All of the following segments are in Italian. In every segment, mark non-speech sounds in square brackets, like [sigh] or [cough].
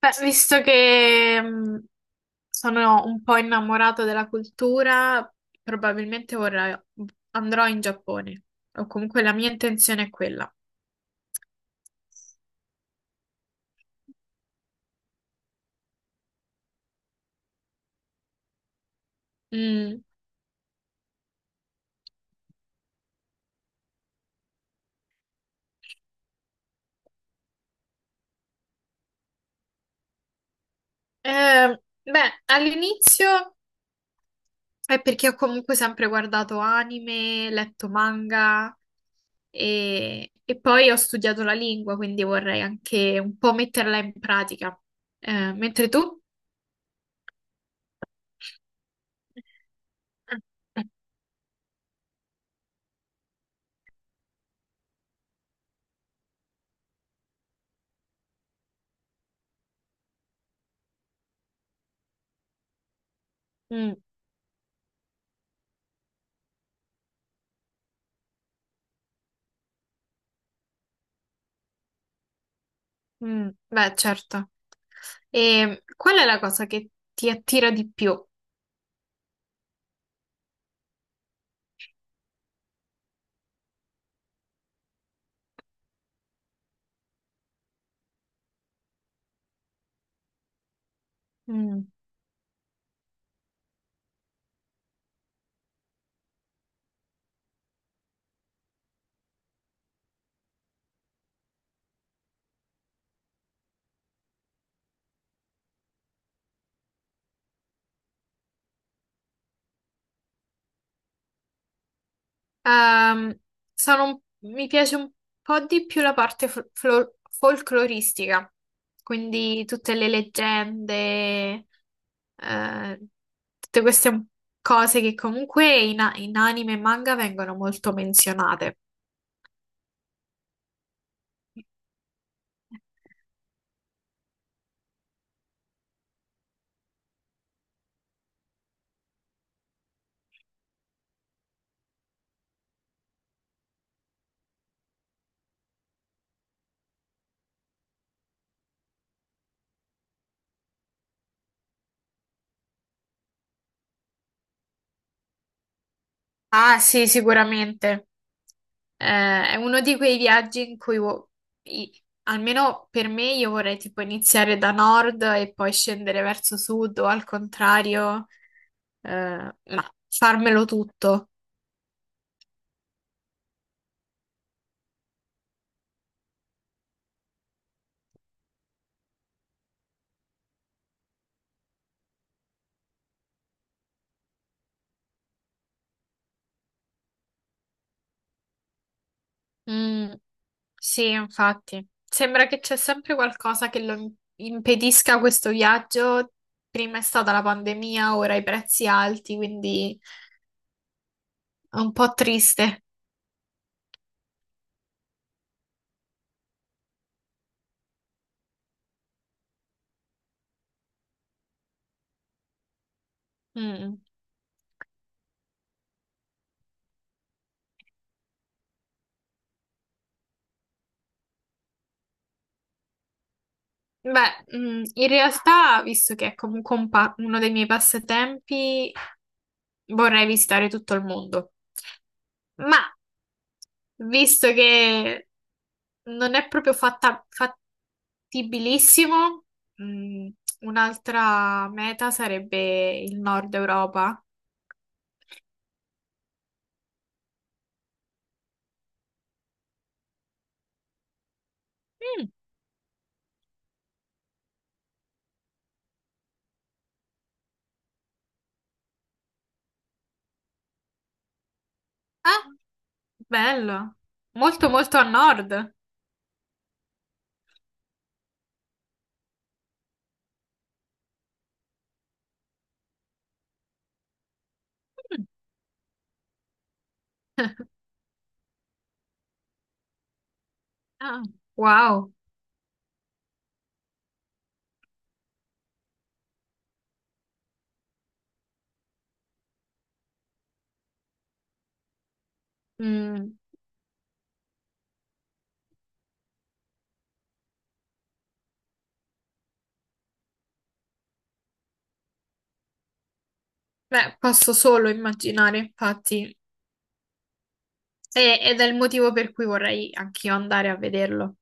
Beh, visto che sono un po' innamorata della cultura, probabilmente vorrei, andrò in Giappone, o comunque la mia intenzione è quella. Mm. Beh, all'inizio è perché ho comunque sempre guardato anime, letto manga e poi ho studiato la lingua, quindi vorrei anche un po' metterla in pratica. Mentre tu? Mm, beh, certo. E qual è la cosa che ti attira di più? Mm. Ehm, mi piace un po' di più la parte folcloristica, quindi tutte le leggende, eh, tutte queste cose che comunque in anime e manga vengono molto menzionate. Ah, sì, sicuramente. Eh, è uno di quei viaggi in cui, i- almeno per me, io vorrei tipo iniziare da nord e poi scendere verso sud o al contrario, eh, ma farmelo tutto. Mm, sì, infatti. Sembra che c'è sempre qualcosa che lo impedisca questo viaggio. Prima è stata la pandemia, ora i prezzi alti, quindi è un po' triste. Mm. Beh, in realtà, visto che è comunque uno dei miei passatempi, vorrei visitare tutto il mondo. Ma visto che non è proprio fattibilissimo, mm, un'altra meta sarebbe il nord Europa. Mm. Ah, bello. Molto, molto a nord. Mm. Ah, wow. Mm. Beh, posso solo immaginare, infatti. E- ed è il motivo per cui vorrei anch'io andare a vederlo.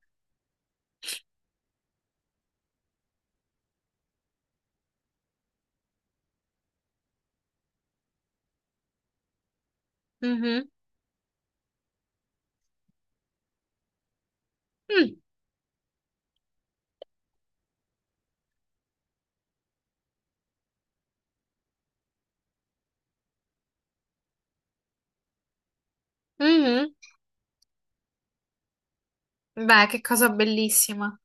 Mhm. Mm, mhm. Beh, che cosa bellissima.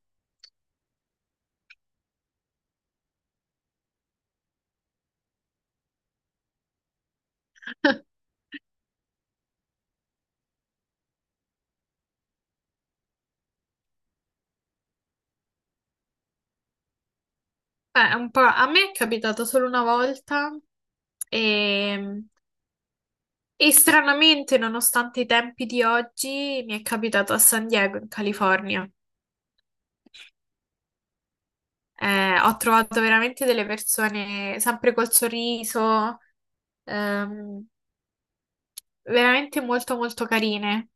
[laughs] Beh, un po'... A me è capitato solo una volta e... e stranamente, nonostante i tempi di oggi, mi è capitato a San Diego, in California. Ho trovato veramente delle persone sempre col sorriso, ehm, veramente molto molto carine.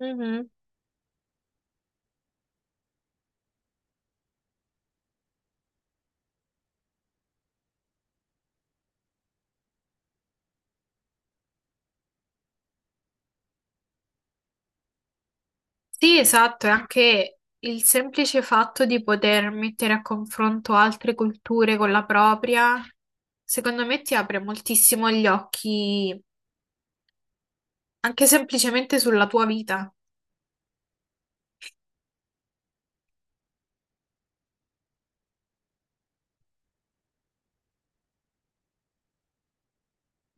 Mhm. Sì, esatto, e anche il semplice fatto di poter mettere a confronto altre culture con la propria, secondo me ti apre moltissimo gli occhi, anche semplicemente sulla tua vita.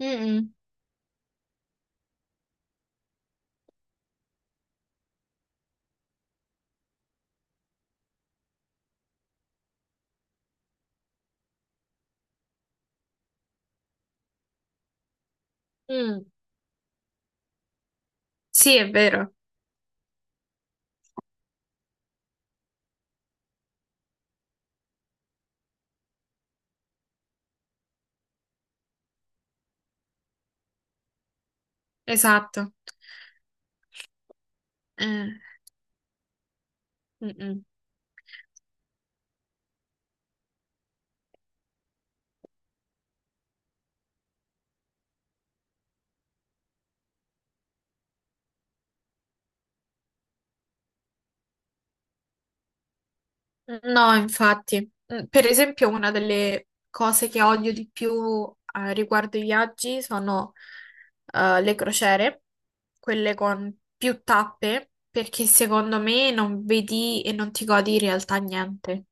Mm, mm. Sì, è vero, esatto. Eh, mm, mm. No, infatti. Per esempio, una delle cose che odio di più riguardo i viaggi sono le crociere, quelle con più tappe, perché secondo me non vedi e non ti godi in realtà niente.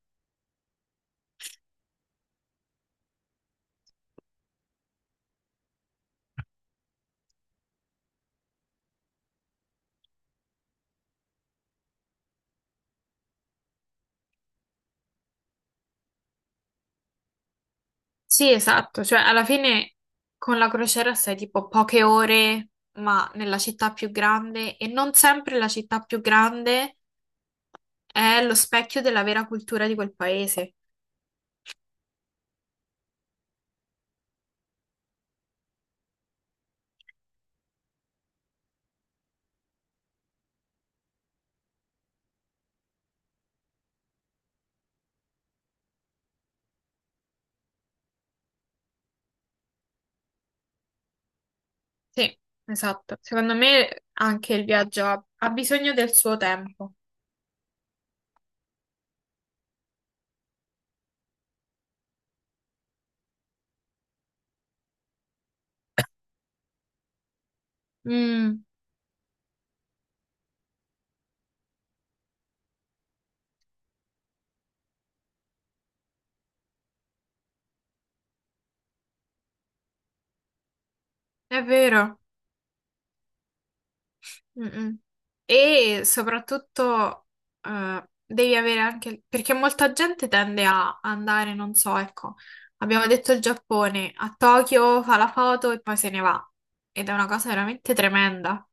Sì, esatto, cioè alla fine con la crociera stai tipo poche ore, ma nella città più grande, e non sempre la città più grande è lo specchio della vera cultura di quel paese. Sì, esatto. Secondo me anche il viaggio ha bisogno del suo tempo. Mm, è vero. Mm-mm. E soprattutto devi avere anche... perché molta gente tende a andare, non so, ecco, abbiamo detto il Giappone, a Tokyo fa la foto e poi se ne va. Ed è una cosa veramente tremenda.